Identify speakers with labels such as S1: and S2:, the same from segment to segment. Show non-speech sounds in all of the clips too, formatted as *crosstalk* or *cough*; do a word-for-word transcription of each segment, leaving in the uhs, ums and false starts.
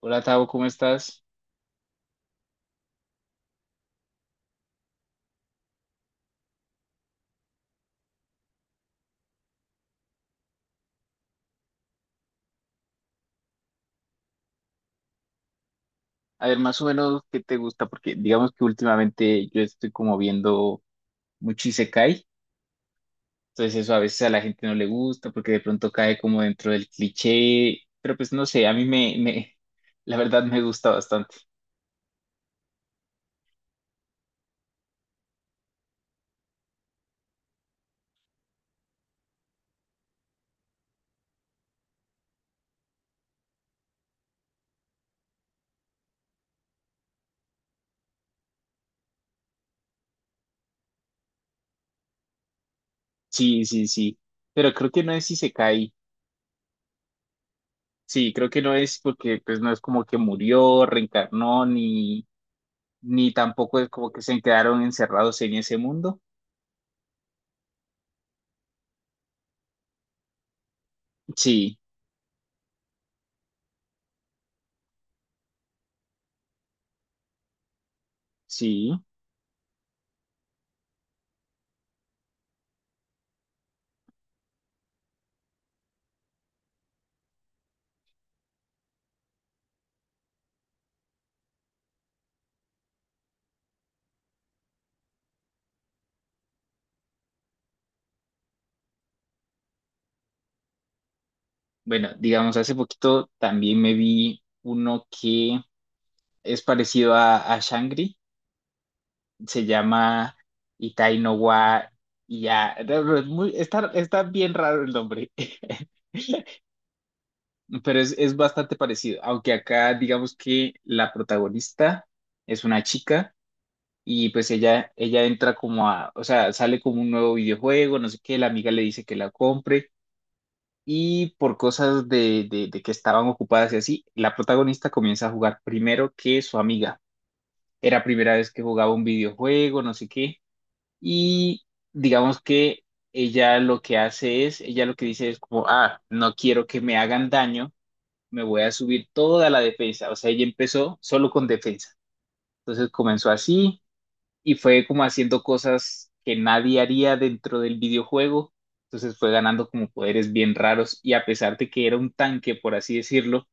S1: Hola Tavo, ¿cómo estás? A ver, más o menos, ¿qué te gusta? Porque digamos que últimamente yo estoy como viendo mucho Isekai, entonces eso a veces a la gente no le gusta porque de pronto cae como dentro del cliché, pero pues no sé, a mí me, me, *laughs* la verdad me gusta bastante. Sí, sí, sí, pero creo que no es Isekai, sí, creo que no es porque pues no es como que murió, reencarnó, ni, ni tampoco es como que se quedaron encerrados en ese mundo. Sí, sí. Bueno, digamos, hace poquito también me vi uno que es parecido a, a Shangri, se llama Itai no wa Ya. Es muy- Está, está bien raro el nombre, *laughs* pero es, es bastante parecido, aunque acá digamos que la protagonista es una chica y pues ella, ella entra como a, o sea, sale como un nuevo videojuego, no sé qué, la amiga le dice que la compre y por cosas de, de, de que estaban ocupadas y así, la protagonista comienza a jugar primero que su amiga. Era primera vez que jugaba un videojuego, no sé qué, y digamos que ella lo que hace es, ella lo que dice es como, ah, no quiero que me hagan daño, me voy a subir toda la defensa. O sea, ella empezó solo con defensa. Entonces comenzó así y fue como haciendo cosas que nadie haría dentro del videojuego. Entonces fue ganando como poderes bien raros y a pesar de que era un tanque, por así decirlo,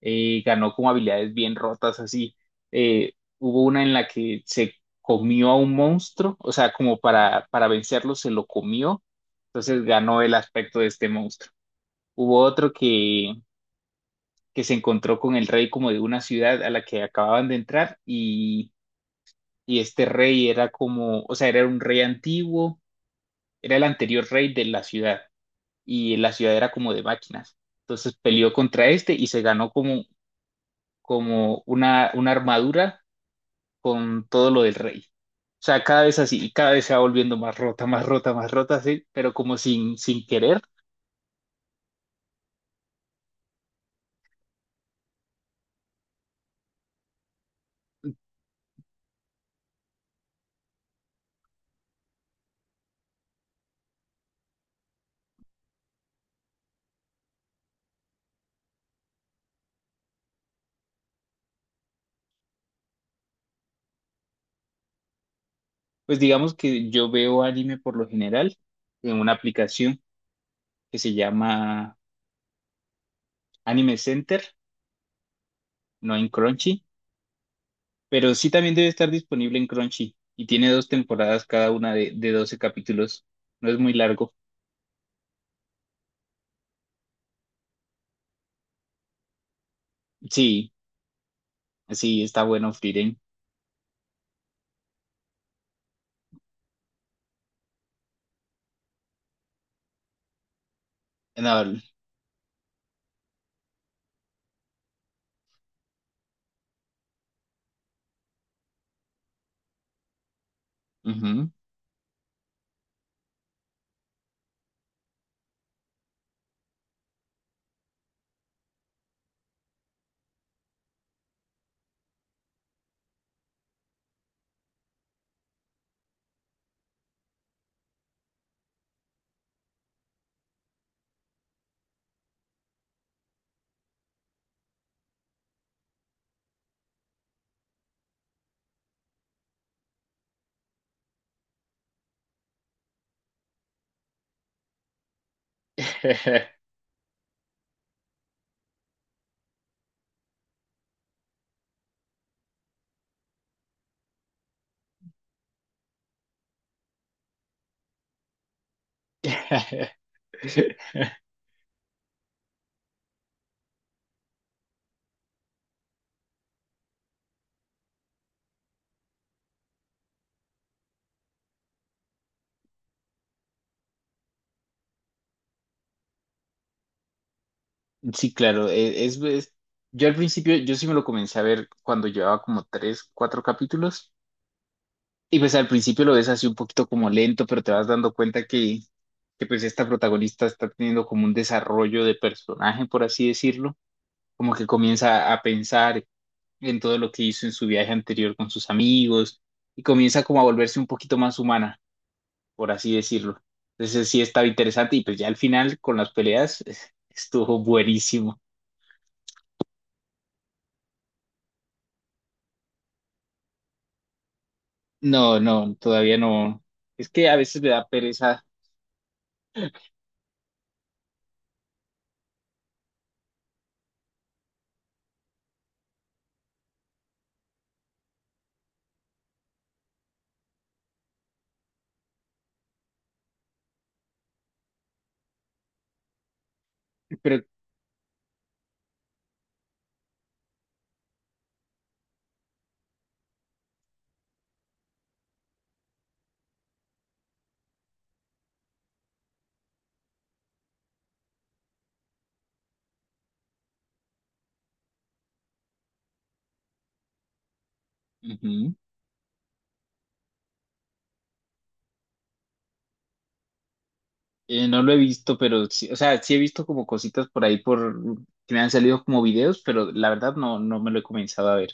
S1: eh, ganó como habilidades bien rotas así. Eh, hubo una en la que se comió a un monstruo, o sea, como para, para vencerlo se lo comió, entonces ganó el aspecto de este monstruo. Hubo otro que, que se encontró con el rey como de una ciudad a la que acababan de entrar y y este rey era como, o sea, era un rey antiguo, era el anterior rey de la ciudad y la ciudad era como de máquinas. Entonces peleó contra este y se ganó como, como una, una armadura con todo lo del rey. O sea, cada vez así, y cada vez se va volviendo más rota, más rota, más rota, así, pero como sin, sin querer. Pues digamos que yo veo anime por lo general en una aplicación que se llama Anime Center, no en Crunchy. Pero sí también debe estar disponible en Crunchy y tiene dos temporadas cada una de, de doce capítulos. No es muy largo. Sí, sí, está bueno Frieren. No, ujú. *laughs* Sí, claro, e- es, es- yo al principio, yo sí me lo comencé a ver cuando llevaba como tres, cuatro capítulos y pues al principio lo ves así un poquito como lento, pero te vas dando cuenta que, que pues esta protagonista está teniendo como un desarrollo de personaje, por así decirlo, como que comienza a pensar, en todo lo que hizo en su viaje anterior con sus amigos y comienza como a volverse un poquito más humana, por así decirlo. Entonces sí estaba interesante y pues ya al final con las peleas eh, estuvo buenísimo. No, no, todavía no. Es que a veces me da pereza, pero ujú. Eh, no lo he visto, pero sí, o sea, sí he visto como cositas por ahí por que me han salido como videos, pero la verdad no, no me lo he comenzado a ver.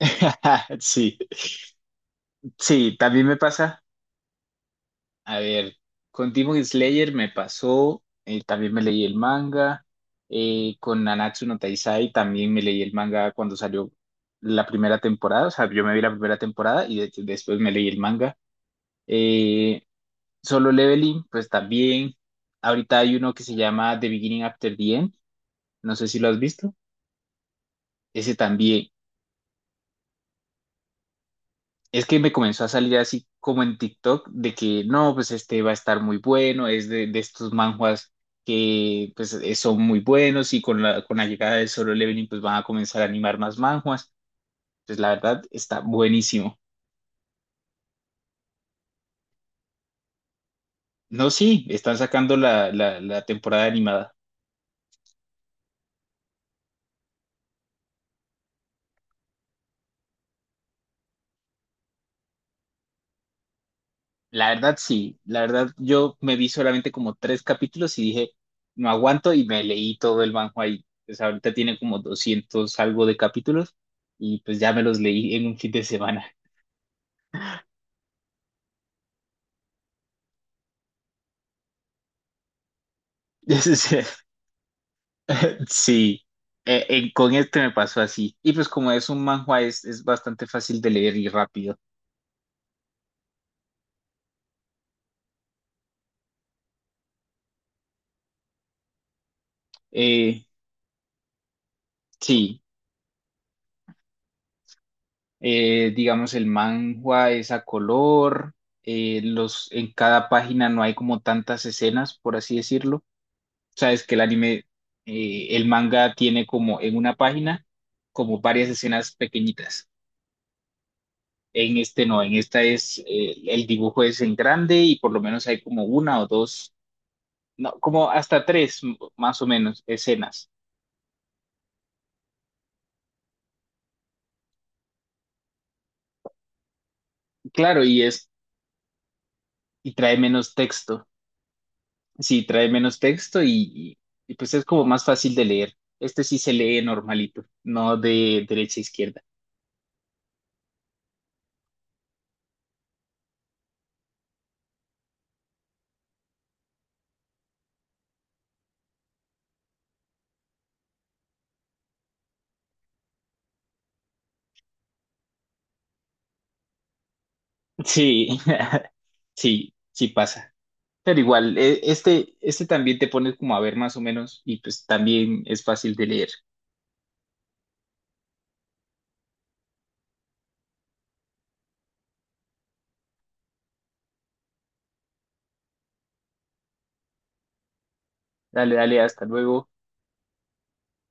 S1: *laughs* Sí, sí, también me pasa. A ver, con Demon Slayer me pasó, eh, también me leí el manga, eh, con Nanatsu no Taizai también me leí el manga cuando salió la primera temporada, o sea, yo me vi la primera temporada y de- después me leí el manga. Eh, Solo Leveling, pues también, ahorita hay uno que se llama The Beginning After the End, no sé si lo has visto, ese también. Es que me comenzó a salir así como en TikTok de que no, pues este va a estar muy bueno, es de, de estos manhwas que pues eh, son muy buenos y con la, con la llegada de Solo Leveling pues van a comenzar a animar más manhwas. Pues la verdad está buenísimo. No, sí, están sacando la, la, la temporada animada. La verdad sí, la verdad yo me vi solamente como tres capítulos y dije, no aguanto y me leí todo el manhwa y pues ahorita tiene como doscientos algo de capítulos y pues ya me los leí en un fin de semana. *laughs* Sí, Eh, eh, con este me pasó así. Y pues como es un manhwa, es, es bastante fácil de leer y rápido. Eh, sí, eh, digamos el manhwa es a color, eh, los, en cada página no hay como tantas escenas, por así decirlo. Sabes que el anime, eh, el manga tiene como en una página como varias escenas pequeñitas. En este no, en esta es, eh, el dibujo es en grande y por lo menos hay como una o dos no, como hasta tres m- más o menos escenas. Claro, y es, y trae menos texto. Sí, trae menos texto y, y, y, pues es como más fácil de leer. Este sí se lee normalito, no de derecha a izquierda. Sí, *laughs* sí, sí pasa. Pero igual, e- este, este también te pones como a ver más o menos y pues también es fácil de leer. Dale, dale, hasta luego.